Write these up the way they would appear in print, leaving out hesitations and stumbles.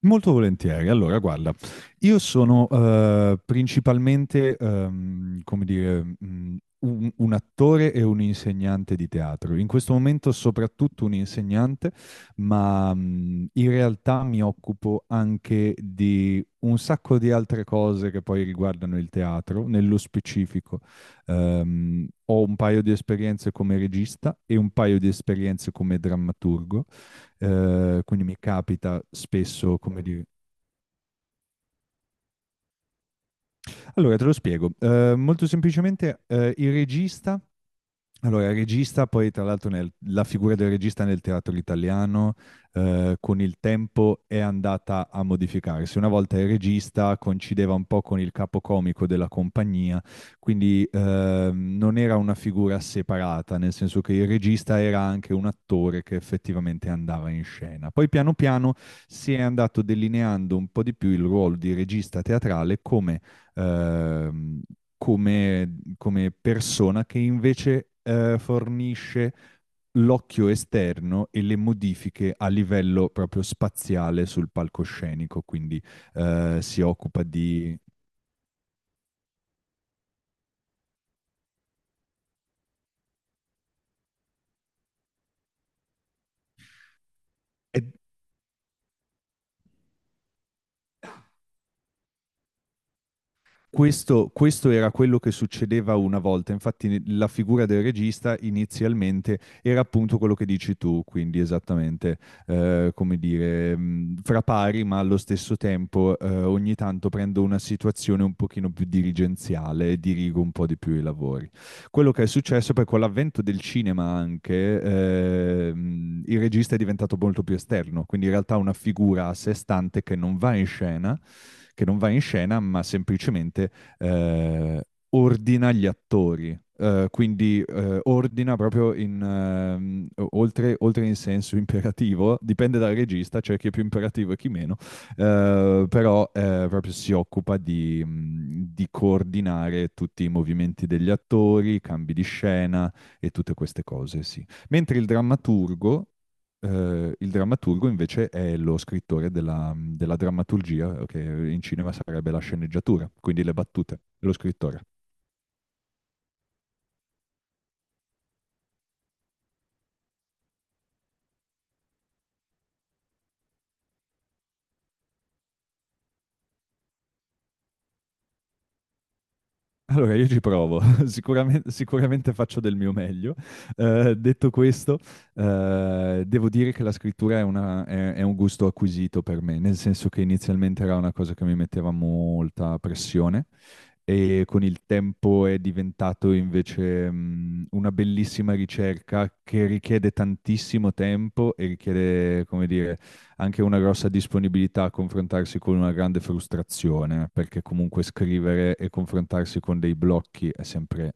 Molto volentieri. Allora, guarda, io sono principalmente, come dire, un attore e un insegnante di teatro. In questo momento soprattutto un insegnante, ma in realtà mi occupo anche di un sacco di altre cose che poi riguardano il teatro, nello specifico. Ho un paio di esperienze come regista e un paio di esperienze come drammaturgo, quindi mi capita spesso, come dire. Allora, te lo spiego. Molto semplicemente, il regista, allora, il regista, poi tra l'altro la figura del regista nel teatro italiano, con il tempo è andata a modificarsi. Una volta il regista coincideva un po' con il capocomico della compagnia, quindi non era una figura separata, nel senso che il regista era anche un attore che effettivamente andava in scena. Poi piano piano si è andato delineando un po' di più il ruolo di regista teatrale come ehm, come, come persona che invece fornisce l'occhio esterno e le modifiche a livello proprio spaziale sul palcoscenico, quindi si occupa di... è- Questo, questo era quello che succedeva una volta, infatti la figura del regista inizialmente era appunto quello che dici tu, quindi esattamente, come dire, fra pari, ma allo stesso tempo ogni tanto prendo una situazione un pochino più dirigenziale e dirigo un po' di più i lavori. Quello che è successo poi con l'avvento del cinema anche, il regista è diventato molto più esterno, quindi in realtà una figura a sé stante che non va in scena, ma semplicemente eh, ordina gli attori. Quindi ordina proprio in, oltre in senso imperativo, dipende dal regista, c'è cioè chi è più imperativo e chi meno, però proprio si occupa di coordinare tutti i movimenti degli attori, i cambi di scena e tutte queste cose, sì. Mentre il drammaturgo, il drammaturgo invece è lo scrittore della, della drammaturgia, che in cinema sarebbe la sceneggiatura, quindi le battute, lo scrittore. Allora, io ci provo, sicuramente, sicuramente faccio del mio meglio. Detto questo, devo dire che la scrittura è, è un gusto acquisito per me, nel senso che inizialmente era una cosa che mi metteva molta pressione e con il tempo è diventato invece, una bellissima ricerca che richiede tantissimo tempo e richiede, come dire, anche una grossa disponibilità a confrontarsi con una grande frustrazione, perché comunque scrivere e confrontarsi con dei blocchi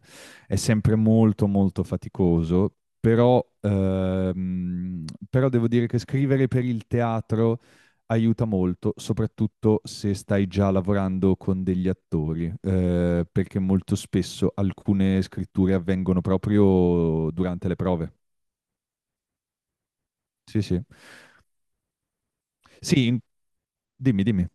è sempre molto molto faticoso, però, però devo dire che scrivere per il teatro aiuta molto, soprattutto se stai già lavorando con degli attori, perché molto spesso alcune scritture avvengono proprio durante le prove. Sì, sì. Sì, dimmi, dimmi.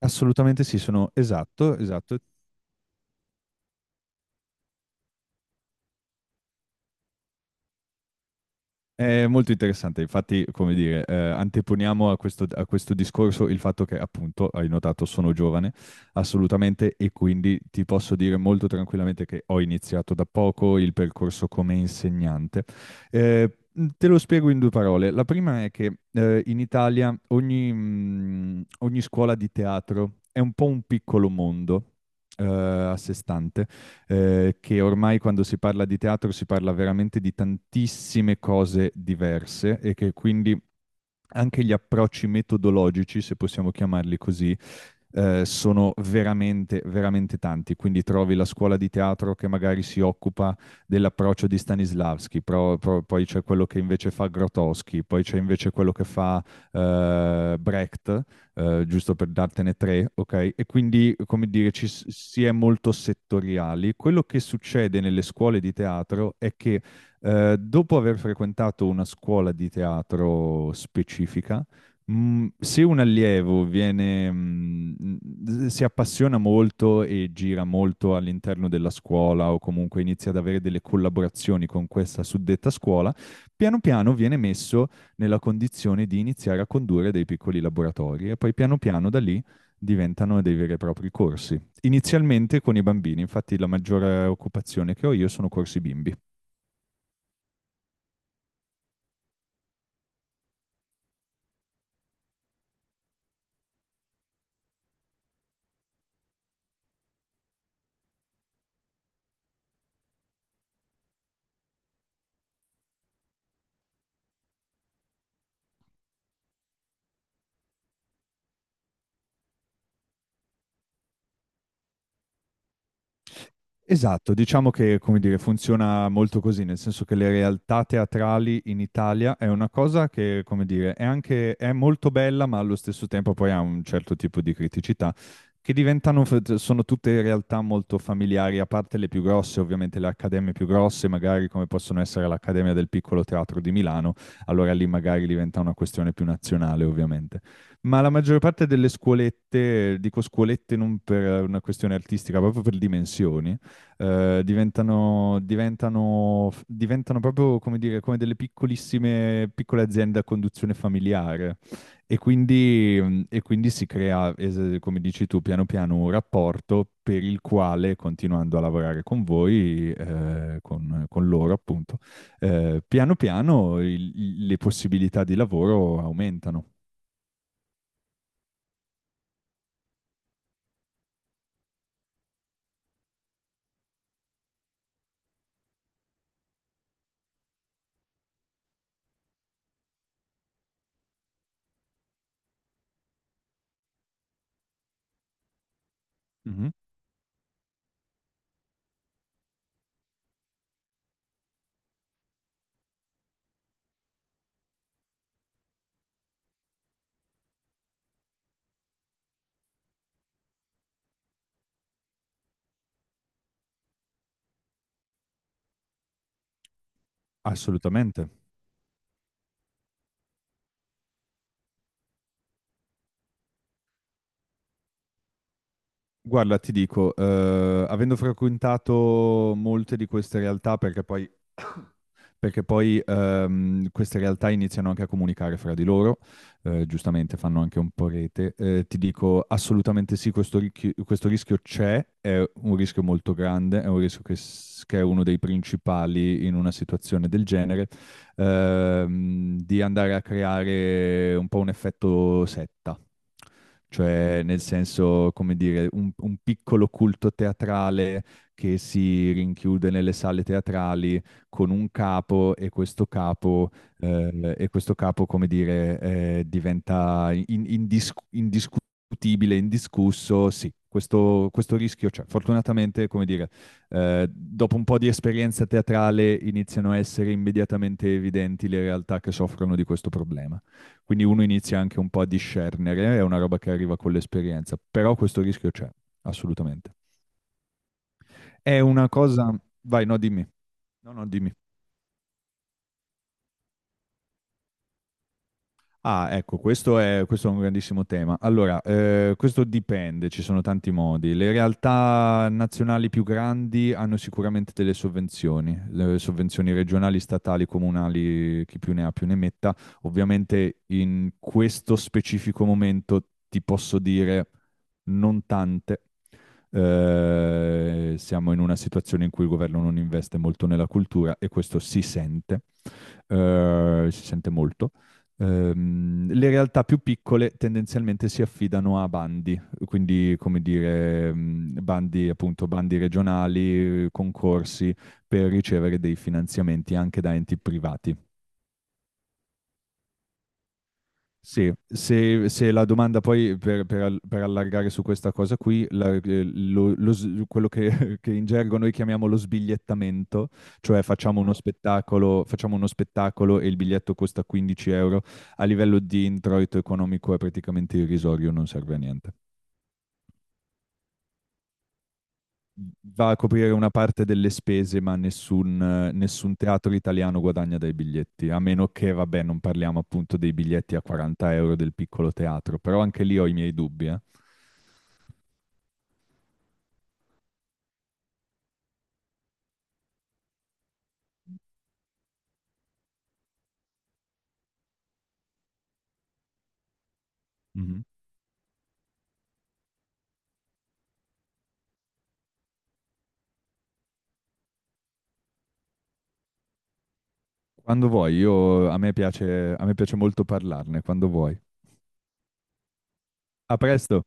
Assolutamente sì, sono esatto, esatto. È molto interessante, infatti, come dire, anteponiamo a questo discorso il fatto che, appunto, hai notato, sono giovane, assolutamente, e quindi ti posso dire molto tranquillamente che ho iniziato da poco il percorso come insegnante. Eh, te lo spiego in due parole. La prima è che in Italia ogni, ogni scuola di teatro è un po' un piccolo mondo a sé stante. Che ormai quando si parla di teatro si parla veramente di tantissime cose diverse e che quindi anche gli approcci metodologici, se possiamo chiamarli così, sono veramente, veramente tanti. Quindi trovi la scuola di teatro che magari si occupa dell'approccio di Stanislavski, poi c'è quello che invece fa Grotowski, poi c'è invece quello che fa Brecht, giusto per dartene tre, ok? E quindi, come dire, si è molto settoriali. Quello che succede nelle scuole di teatro è che dopo aver frequentato una scuola di teatro specifica, se un allievo viene, si appassiona molto e gira molto all'interno della scuola o comunque inizia ad avere delle collaborazioni con questa suddetta scuola, piano piano viene messo nella condizione di iniziare a condurre dei piccoli laboratori e poi piano piano da lì diventano dei veri e propri corsi. Inizialmente con i bambini, infatti la maggiore occupazione che ho io sono corsi bimbi. Esatto, diciamo che, come dire, funziona molto così, nel senso che le realtà teatrali in Italia è una cosa che, come dire, è anche, è molto bella, ma allo stesso tempo poi ha un certo tipo di criticità, che diventano, sono tutte realtà molto familiari, a parte le più grosse, ovviamente le accademie più grosse, magari come possono essere l'Accademia del Piccolo Teatro di Milano, allora lì magari diventa una questione più nazionale, ovviamente. Ma la maggior parte delle scuolette, dico scuolette non per una questione artistica, proprio per dimensioni, diventano proprio come dire, come delle piccolissime, piccole aziende a conduzione familiare. E quindi, e quindi si crea, come dici tu, piano piano un rapporto per il quale, continuando a lavorare con voi, con loro appunto, piano piano le possibilità di lavoro aumentano. Mhm. Assolutamente. Guarda, ti dico, avendo frequentato molte di queste realtà, perché poi queste realtà iniziano anche a comunicare fra di loro, giustamente fanno anche un po' rete. Ti dico assolutamente sì, questo, questo rischio c'è, è un rischio molto grande, è un rischio che, che è uno dei principali in una situazione del genere, di andare a creare un po' un effetto setta. Cioè, nel senso, come dire, un piccolo culto teatrale che si rinchiude nelle sale teatrali con un capo e questo capo, come dire, diventa indiscutibile, indiscusso, sì. Questo rischio c'è. Fortunatamente, come dire, dopo un po' di esperienza teatrale iniziano a essere immediatamente evidenti le realtà che soffrono di questo problema. Quindi uno inizia anche un po' a discernere, è una roba che arriva con l'esperienza, però questo rischio c'è, assolutamente. È una cosa... Vai, no, dimmi. No, no, dimmi. Ah, ecco, questo è un grandissimo tema. Allora, questo dipende, ci sono tanti modi. Le realtà nazionali più grandi hanno sicuramente delle sovvenzioni, le sovvenzioni regionali, statali, comunali, chi più ne ha più ne metta. Ovviamente in questo specifico momento ti posso dire non tante. Siamo in una situazione in cui il governo non investe molto nella cultura e questo si sente, si sente molto. Le realtà più piccole tendenzialmente si affidano a bandi, quindi come dire, bandi appunto, bandi regionali, concorsi per ricevere dei finanziamenti anche da enti privati. Sì, se, se la domanda poi per, per allargare su questa cosa qui, quello che, che in gergo noi chiamiamo lo sbigliettamento, cioè facciamo uno spettacolo e il biglietto costa 15 euro, a livello di introito economico è praticamente irrisorio, non serve a niente. Va a coprire una parte delle spese, ma nessun, nessun teatro italiano guadagna dai biglietti, a meno che, vabbè, non parliamo appunto dei biglietti a 40 euro del piccolo teatro, però anche lì ho i miei dubbi, eh. Mhm. Quando vuoi, io, a me piace molto parlarne, quando vuoi. A presto!